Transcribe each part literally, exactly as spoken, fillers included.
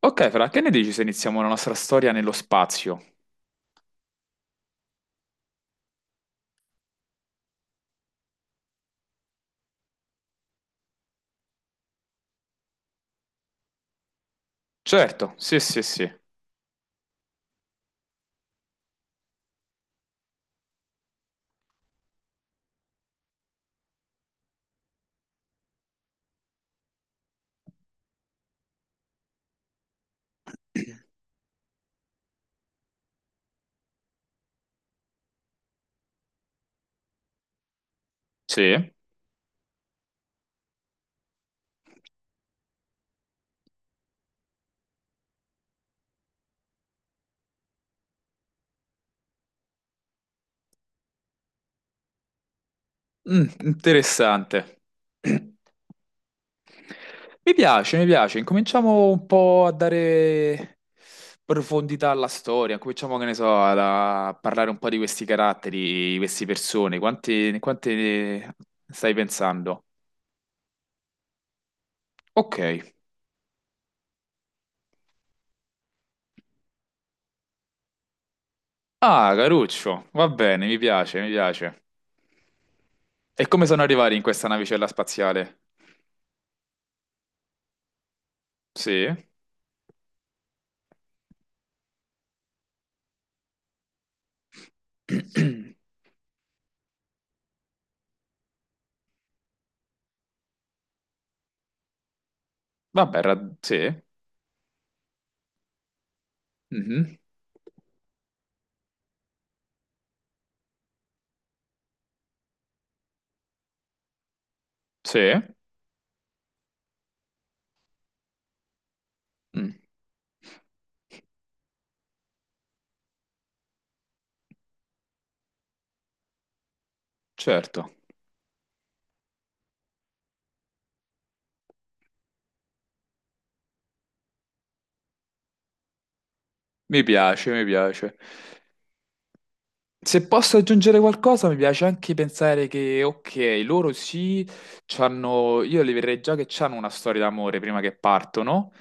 Ok, Fra, che ne dici se iniziamo la nostra storia nello spazio? Certo, sì, sì, sì. Sì? Mm, interessante. Mi piace, mi piace. Incominciamo un po' a dare profondità alla storia. Cominciamo, che ne so, a a parlare un po' di questi caratteri, di queste persone. Quante, quante ne stai pensando? Ok. Ah, Caruccio, va bene, mi piace, mi piace. E come sono arrivati in questa navicella spaziale? Sì. Vabbè, rad- sì. Mhm. Sì. Mm. Certo, mi piace, mi piace. Se posso aggiungere qualcosa, mi piace anche pensare che, ok, loro sì, c'hanno, io li vedrei già che hanno una storia d'amore prima che partono.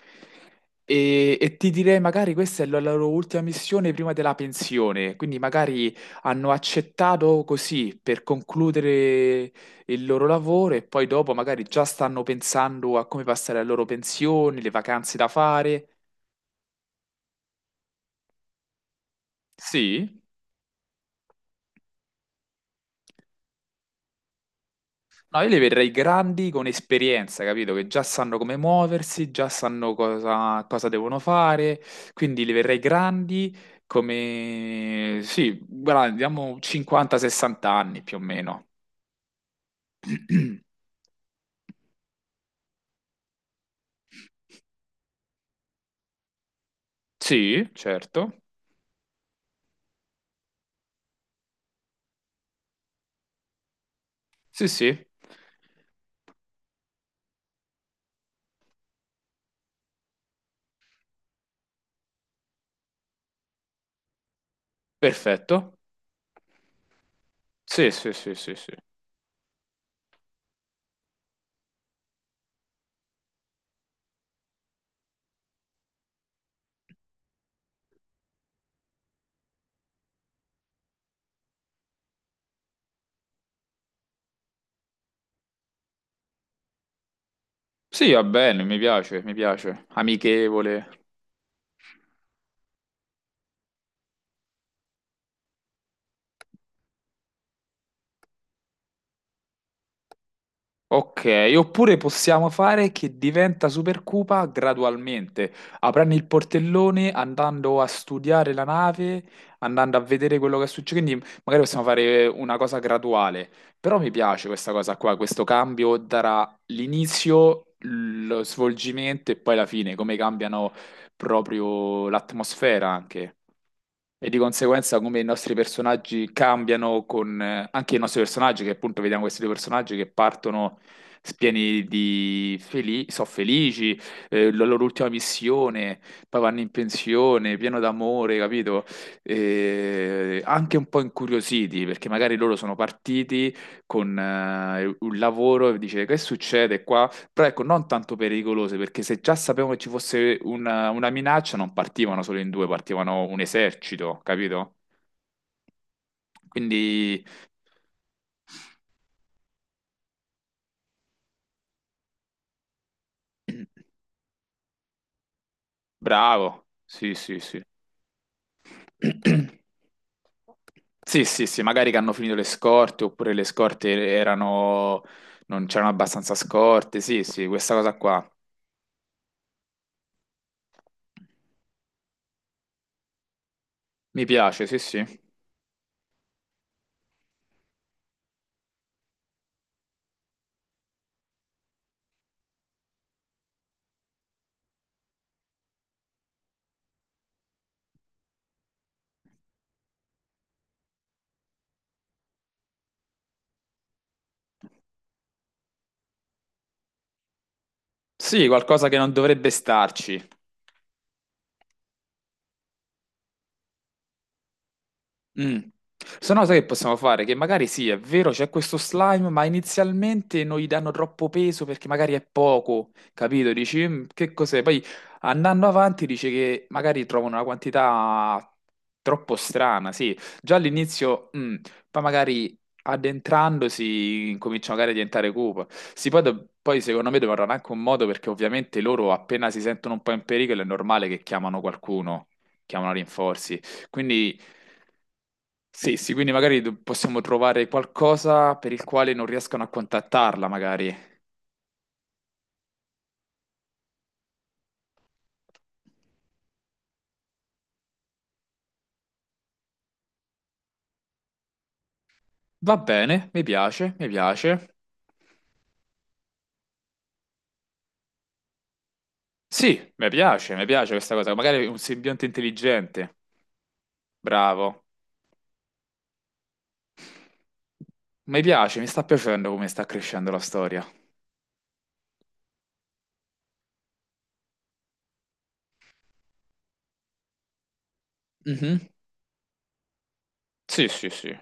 E, e ti direi magari questa è la loro ultima missione prima della pensione, quindi magari hanno accettato così per concludere il loro lavoro e poi dopo magari già stanno pensando a come passare la loro pensione, le vacanze da fare. Sì, no, io li vedrei grandi con esperienza, capito? Che già sanno come muoversi, già sanno cosa, cosa devono fare, quindi li vedrei grandi come, sì, guarda, diamo cinquanta a sessanta anni più o meno. Sì, certo. Sì, sì. Perfetto. Sì, sì, sì, sì, sì. Sì, va bene, mi piace, mi piace. Amichevole. Ok, oppure possiamo fare che diventa Supercupa gradualmente, aprendo il portellone, andando a studiare la nave, andando a vedere quello che succede, quindi magari possiamo fare una cosa graduale, però mi piace questa cosa qua, questo cambio darà l'inizio, lo svolgimento e poi la fine, come cambiano proprio l'atmosfera anche. E di conseguenza come i nostri personaggi cambiano con eh, anche i nostri personaggi, che appunto vediamo questi due personaggi che partono pieni di felici, sono felici, eh, la loro ultima missione, poi vanno in pensione, pieno d'amore, capito? Eh, anche un po' incuriositi, perché magari loro sono partiti con eh, un lavoro e dice che succede qua? Però ecco, non tanto pericolose, perché se già sapevano che ci fosse una, una minaccia, non partivano solo in due, partivano un esercito, capito? Quindi, bravo, sì, sì, sì. Sì, sì, sì, magari che hanno finito le scorte oppure le scorte erano... non c'erano abbastanza scorte. Sì, sì, questa cosa qua. Mi piace, sì, sì. Sì, qualcosa che non dovrebbe starci. Mm. Se no, sai che possiamo fare? Che magari sì, è vero, c'è questo slime, ma inizialmente non gli danno troppo peso perché magari è poco, capito? Dici, "Mm, che cos'è? Poi andando avanti dice che magari trovano una quantità troppo strana, sì. Già all'inizio, mm, poi magari addentrandosi cominciano magari a diventare cupo. Sì, poi, do- poi secondo me dovranno anche un modo perché ovviamente loro appena si sentono un po' in pericolo è normale che chiamano qualcuno, chiamano rinforzi. Quindi sì, sì, quindi magari do- possiamo trovare qualcosa per il quale non riescano a contattarla, magari. Va bene, mi piace, mi piace. Sì, mi piace, mi piace questa cosa. Magari un simbionte intelligente. Bravo. Mi piace, mi sta piacendo come sta crescendo la storia. Mhm. Sì, sì, sì.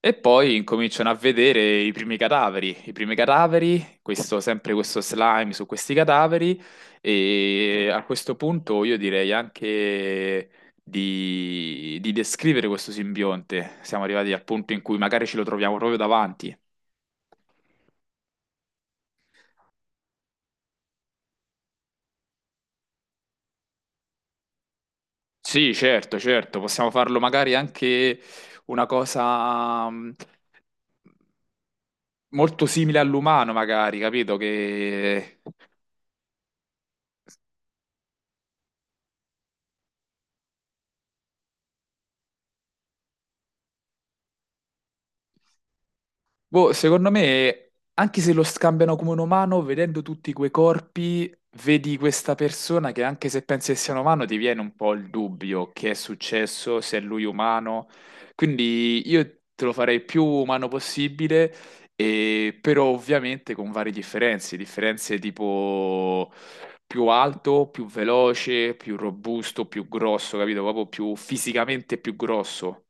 E poi incominciano a vedere i primi cadaveri, i primi cadaveri, questo- sempre questo slime su questi cadaveri e a questo punto io direi anche di, di descrivere questo simbionte. Siamo arrivati al punto in cui magari ce lo troviamo proprio davanti. Sì, certo, certo, possiamo farlo magari anche una cosa mh, molto simile all'umano, magari, capito? Che boh, secondo me, anche se lo scambiano come un umano, vedendo tutti quei corpi, vedi questa persona che anche se pensi che sia un umano, ti viene un po' il dubbio che è successo, se è lui umano. Quindi io te lo farei più umano possibile, e- però ovviamente con varie differenze, differenze tipo più alto, più veloce, più robusto, più grosso, capito? Proprio più fisicamente più grosso.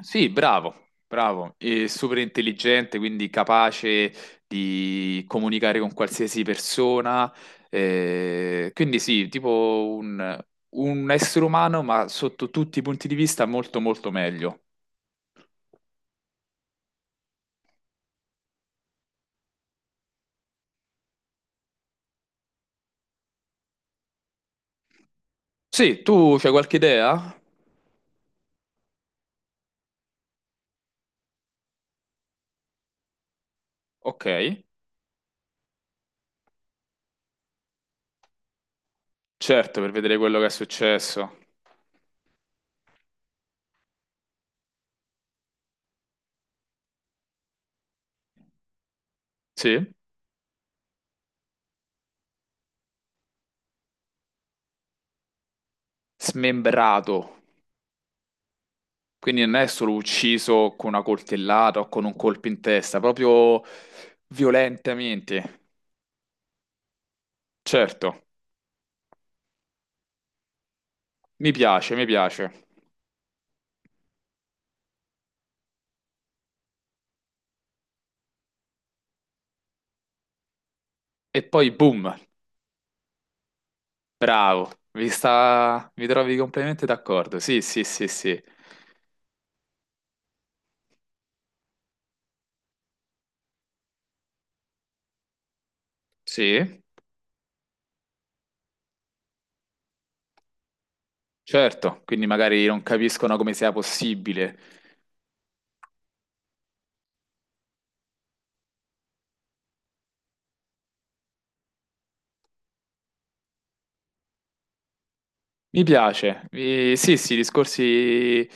Sì, bravo, bravo, e super intelligente, quindi capace di comunicare con qualsiasi persona. Eh, quindi sì, tipo un, un essere umano, ma sotto tutti i punti di vista molto molto meglio. Sì, tu c'hai qualche idea? Ok, certo, per vedere quello che è successo. Sì, smembrato, quindi non è solo ucciso con una coltellata o con un colpo in testa, proprio violentemente. Certo. Mi piace, mi piace. E poi boom, bravo, vi sta... vi trovi completamente d'accordo. Sì, sì, sì, sì. Sì, certo, quindi magari non capiscono come sia possibile. Mi piace. Mi- Sì, sì, discorsi...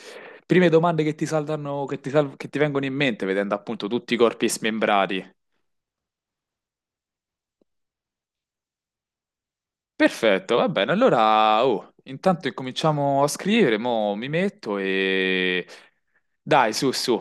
Prime domande che ti saltano, che ti, sal- che ti vengono in mente vedendo appunto tutti i corpi smembrati. Perfetto, va bene. Allora, oh, intanto incominciamo a scrivere, mo mi metto e... Dai, su, su.